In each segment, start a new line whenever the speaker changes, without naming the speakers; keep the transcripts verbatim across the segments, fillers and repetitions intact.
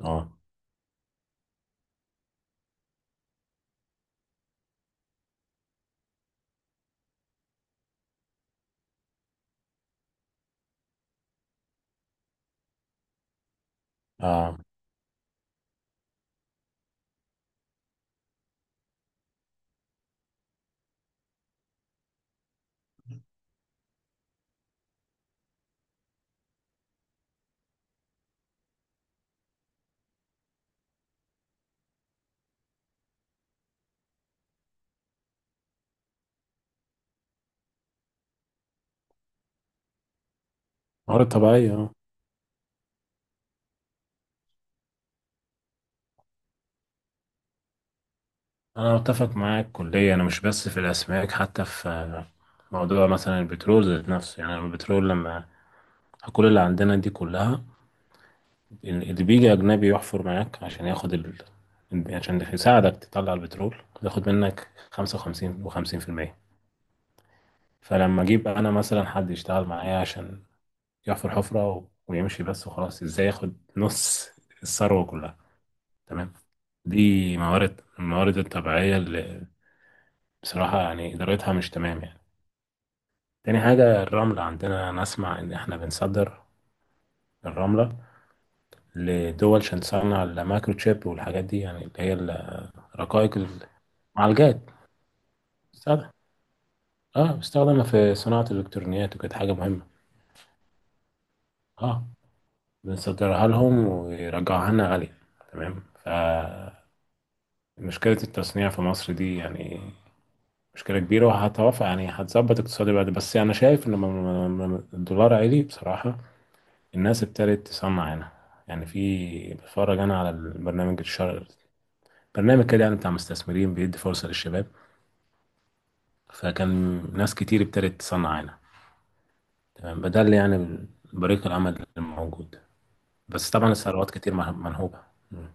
اه اه موارد طبيعية، اه انا متفق معاك كليا، انا مش بس في الاسماك، حتى في آه، موضوع مثلا البترول ذات نفسه. يعني البترول لما كل اللي عندنا دي كلها، اللي بيجي اجنبي يحفر معاك عشان ياخد ال... عشان يساعدك تطلع البترول، ياخد منك خمسة وخمسين وخمسين في المية. فلما اجيب انا مثلا حد يشتغل معايا عشان يحفر حفرة و... ويمشي بس وخلاص، ازاي ياخد نص الثروة كلها؟ تمام. دي موارد الموارد الطبيعية اللي بصراحة يعني إدارتها مش تمام يعني. تاني حاجة، الرملة عندنا، أنا أسمع إن إحنا بنصدر الرملة لدول عشان تصنع المايكروتشيب والحاجات دي، يعني اللي هي الرقائق، المعالجات، بتستخدم اه بتستخدم في صناعة الإلكترونيات وكده حاجة مهمة. اه بنصدرها لهم ويرجعوها لنا غالية، تمام. فمشكلة التصنيع في مصر دي يعني مشكلة كبيرة، وهتوافق يعني هتظبط اقتصادي بعد، بس أنا شايف إن م- م- م- الدولار عالي بصراحة. الناس ابتدت تصنع هنا، يعني في، بتفرج انا على البرنامج الشر، برنامج كده يعني بتاع مستثمرين بيدي فرصة للشباب. فكان ناس كتير ابتدت تصنع هنا، تمام. ده اللي يعني بريق العمل الموجود. بس طبعا الثروات كتير مه- منهوبة. مم.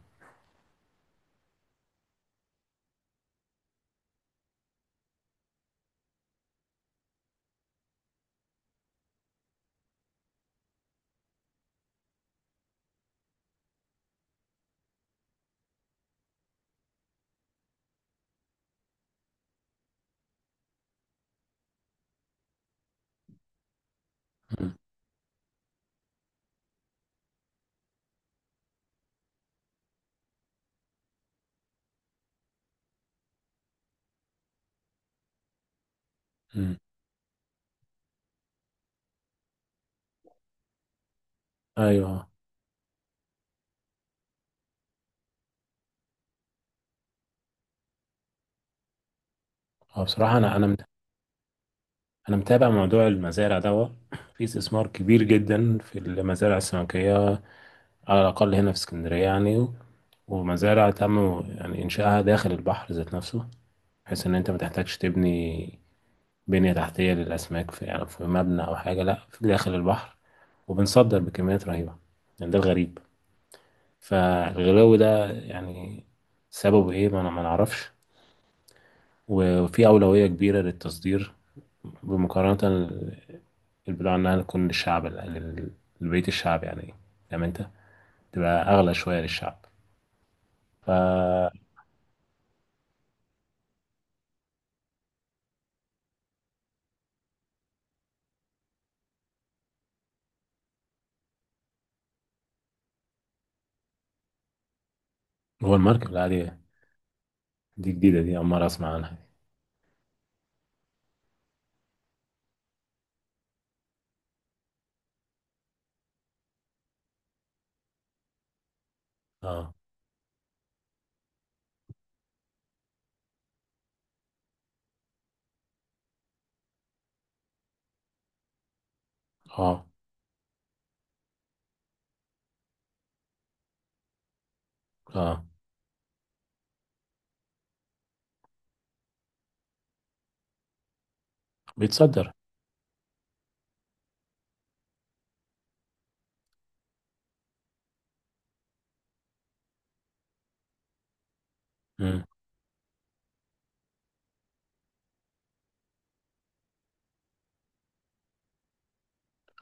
مم. مم. ايوه. هو بصراحة انا انا مت- انا متابع موضوع المزارع ده. في استثمار كبير جدا في المزارع السمكية، على الاقل هنا في اسكندرية يعني. ومزارع تم يعني انشائها داخل البحر ذات نفسه، بحيث ان انت ما تحتاجش تبني بنية تحتية للاسماك في، يعني في مبنى او حاجة، لا في داخل البحر. وبنصدر بكميات رهيبة، يعني ده الغريب. فالغلو ده يعني سببه ايه، ما أنا- ما نعرفش. وفي اولوية كبيرة للتصدير، بمقارنة ال- البضاعة انها تكون للشعب، لبيت الشعب يعني، فاهم انت، تبقى اغلى شوية للشعب. فهو. الماركة لا، دي دي جديدة، دي أول مرة أسمع عنها. اه اه اه. بيتصدر. مم.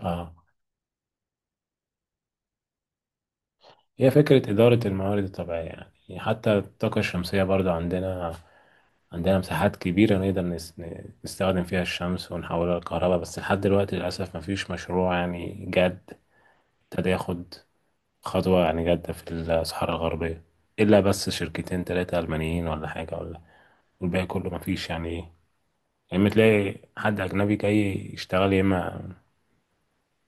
اه هي فكرة إدارة الموارد الطبيعية، يعني حتى الطاقة الشمسية برضو عندنا. عندنا مساحات كبيرة نقدر نس- نستخدم فيها الشمس ونحولها لكهرباء. بس لحد دلوقتي للأسف مفيش مشروع يعني جاد، ابتدى ياخد خطوة يعني جادة في الصحراء الغربية، إلا بس شركتين تلاتة ألمانيين ولا حاجة، ولا والباقي كله مفيش يعني إيه. يا إما تلاقي حد أجنبي جاي يشتغل، يا إما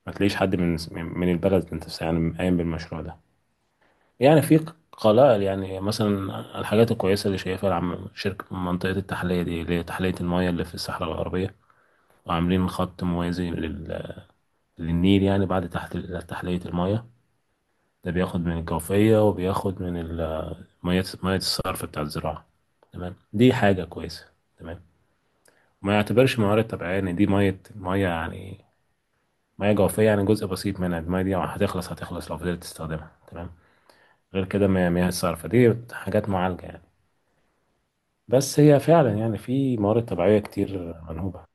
ما تلاقيش حد من من من البلد نفسها يعني قايم بالمشروع ده. يعني في قلائل يعني مثلا، الحاجات الكويسة اللي شايفها العم، شركة منطقة التحلية دي اللي هي تحلية المياه اللي في الصحراء الغربية، وعاملين خط موازي لل... للنيل يعني، بعد تحت تحلية المياه. ده بياخد من الجوفية وبياخد من ال- مياه، مياه الصرف بتاع الزراعة، تمام. دي حاجة كويسة، تمام. ما يعتبرش موارد طبيعية إن دي مية مية يعني، مياه جوفية يعني جزء بسيط منها. المياه دي هتخلص، هتخلص لو فضلت تستخدمها، تمام. غير كده، مياه مياه الصرف دي حاجات معالجة يعني. بس هي فعلا يعني في موارد طبيعية كتير منهوبة.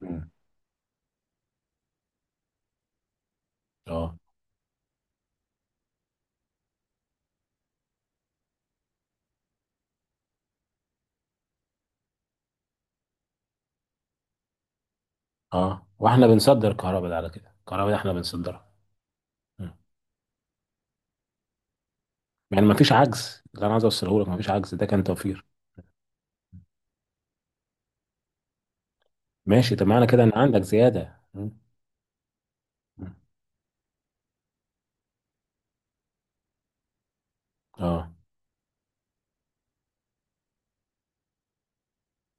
مم. اه. اه واحنا بنصدر الكهرباء، ده على كده الكهرباء دي احنا بنصدرها. مم. يعني ما فيش عجز. اللي انا عايز اوصله لك، ما فيش عجز، ده كان توفير. ماشي، طب معنى كده ان عندك زيادة. مم. مم. اه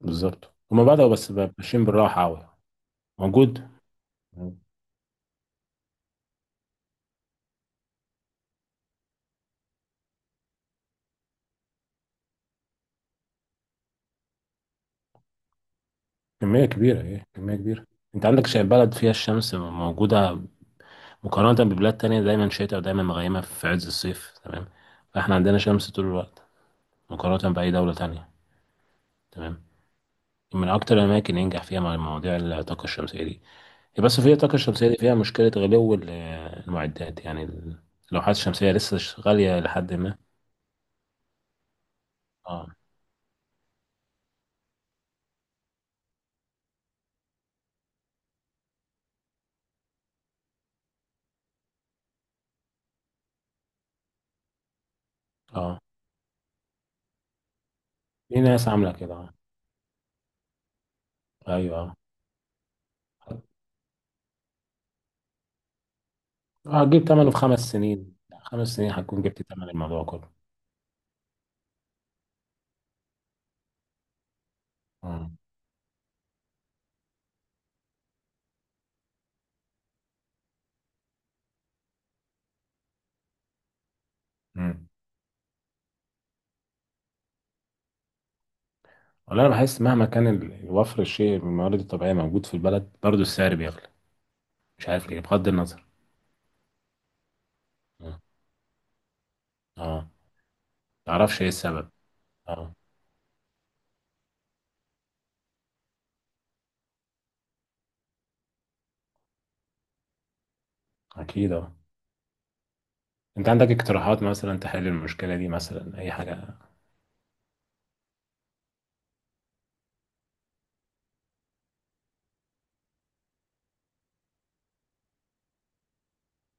بالظبط، هما بدأوا بس بقى ماشيين بالراحة قوي. موجود. مم. كمية كبيرة، ايه كمية كبيرة. انت عندك شيء، بلد فيها الشمس موجودة مقارنة ببلاد تانية دايما شتاء ودايما مغيمة في عز الصيف، تمام. فاحنا عندنا شمس طول الوقت مقارنة بأي دولة تانية، تمام. من اكتر الاماكن اللي ينجح فيها مع مواضيع الطاقه الشمسيه دي. هي بس في الطاقه الشمسيه دي فيها مشكله غلو ال- المعدات يعني ال- اللوحات الشمسيه لسه ش- غاليه لحد ما. اه. اه في ناس عامله كده، اه. ايوه. اه هتجيب ثمنه في خمس سنين، خمس سنين هتكون جبت ثمن الموضوع كله. اه. امم والله انا بحس مهما كان ال- وفر الشيء من الموارد الطبيعيه موجود في البلد، برضه السعر بيغلى، مش عارف ليه، بغض النظر. اه. آه. تعرفش ايه السبب؟ اه. اكيد اه. انت عندك اقتراحات مثلا تحل المشكلة دي، مثلا اي حاجة؟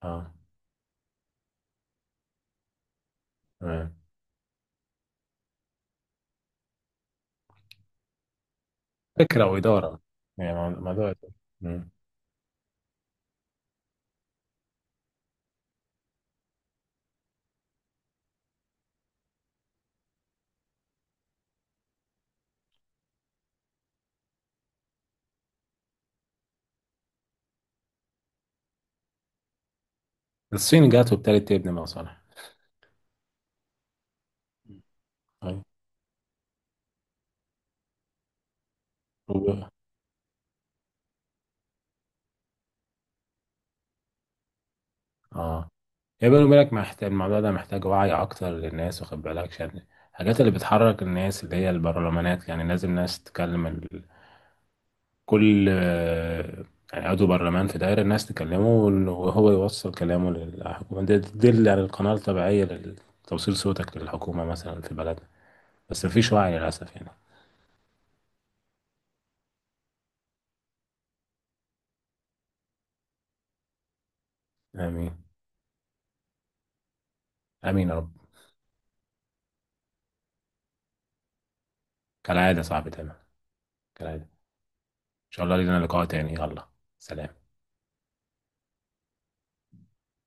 اه، تمام، فكرة وإدارة يعني مو- موضوع. مم. الصين جات وابتدت تبني مصانع. طيب. و- اه يا بالي بالك، محتاج الموضوع ده محتاج وعي اكتر للناس، واخد بالك، عشان الحاجات اللي بتحرك الناس اللي هي البرلمانات، يعني لازم ناس تتكلم ال... كل آه، يعني عضو برلمان في دايرة الناس تكلمه، وال- وهو يوصل كلامه للحكومة، دي دي تدل على القناة الطبيعية لتوصيل صوتك للحكومة مثلا في بلد. بس مفيش وعي للأسف يعني. آمين. آمين يا رب. كالعادة يا صاحبي، تمام، كالعادة. إن شاء الله لينا لقاء تاني، يلا. سلام.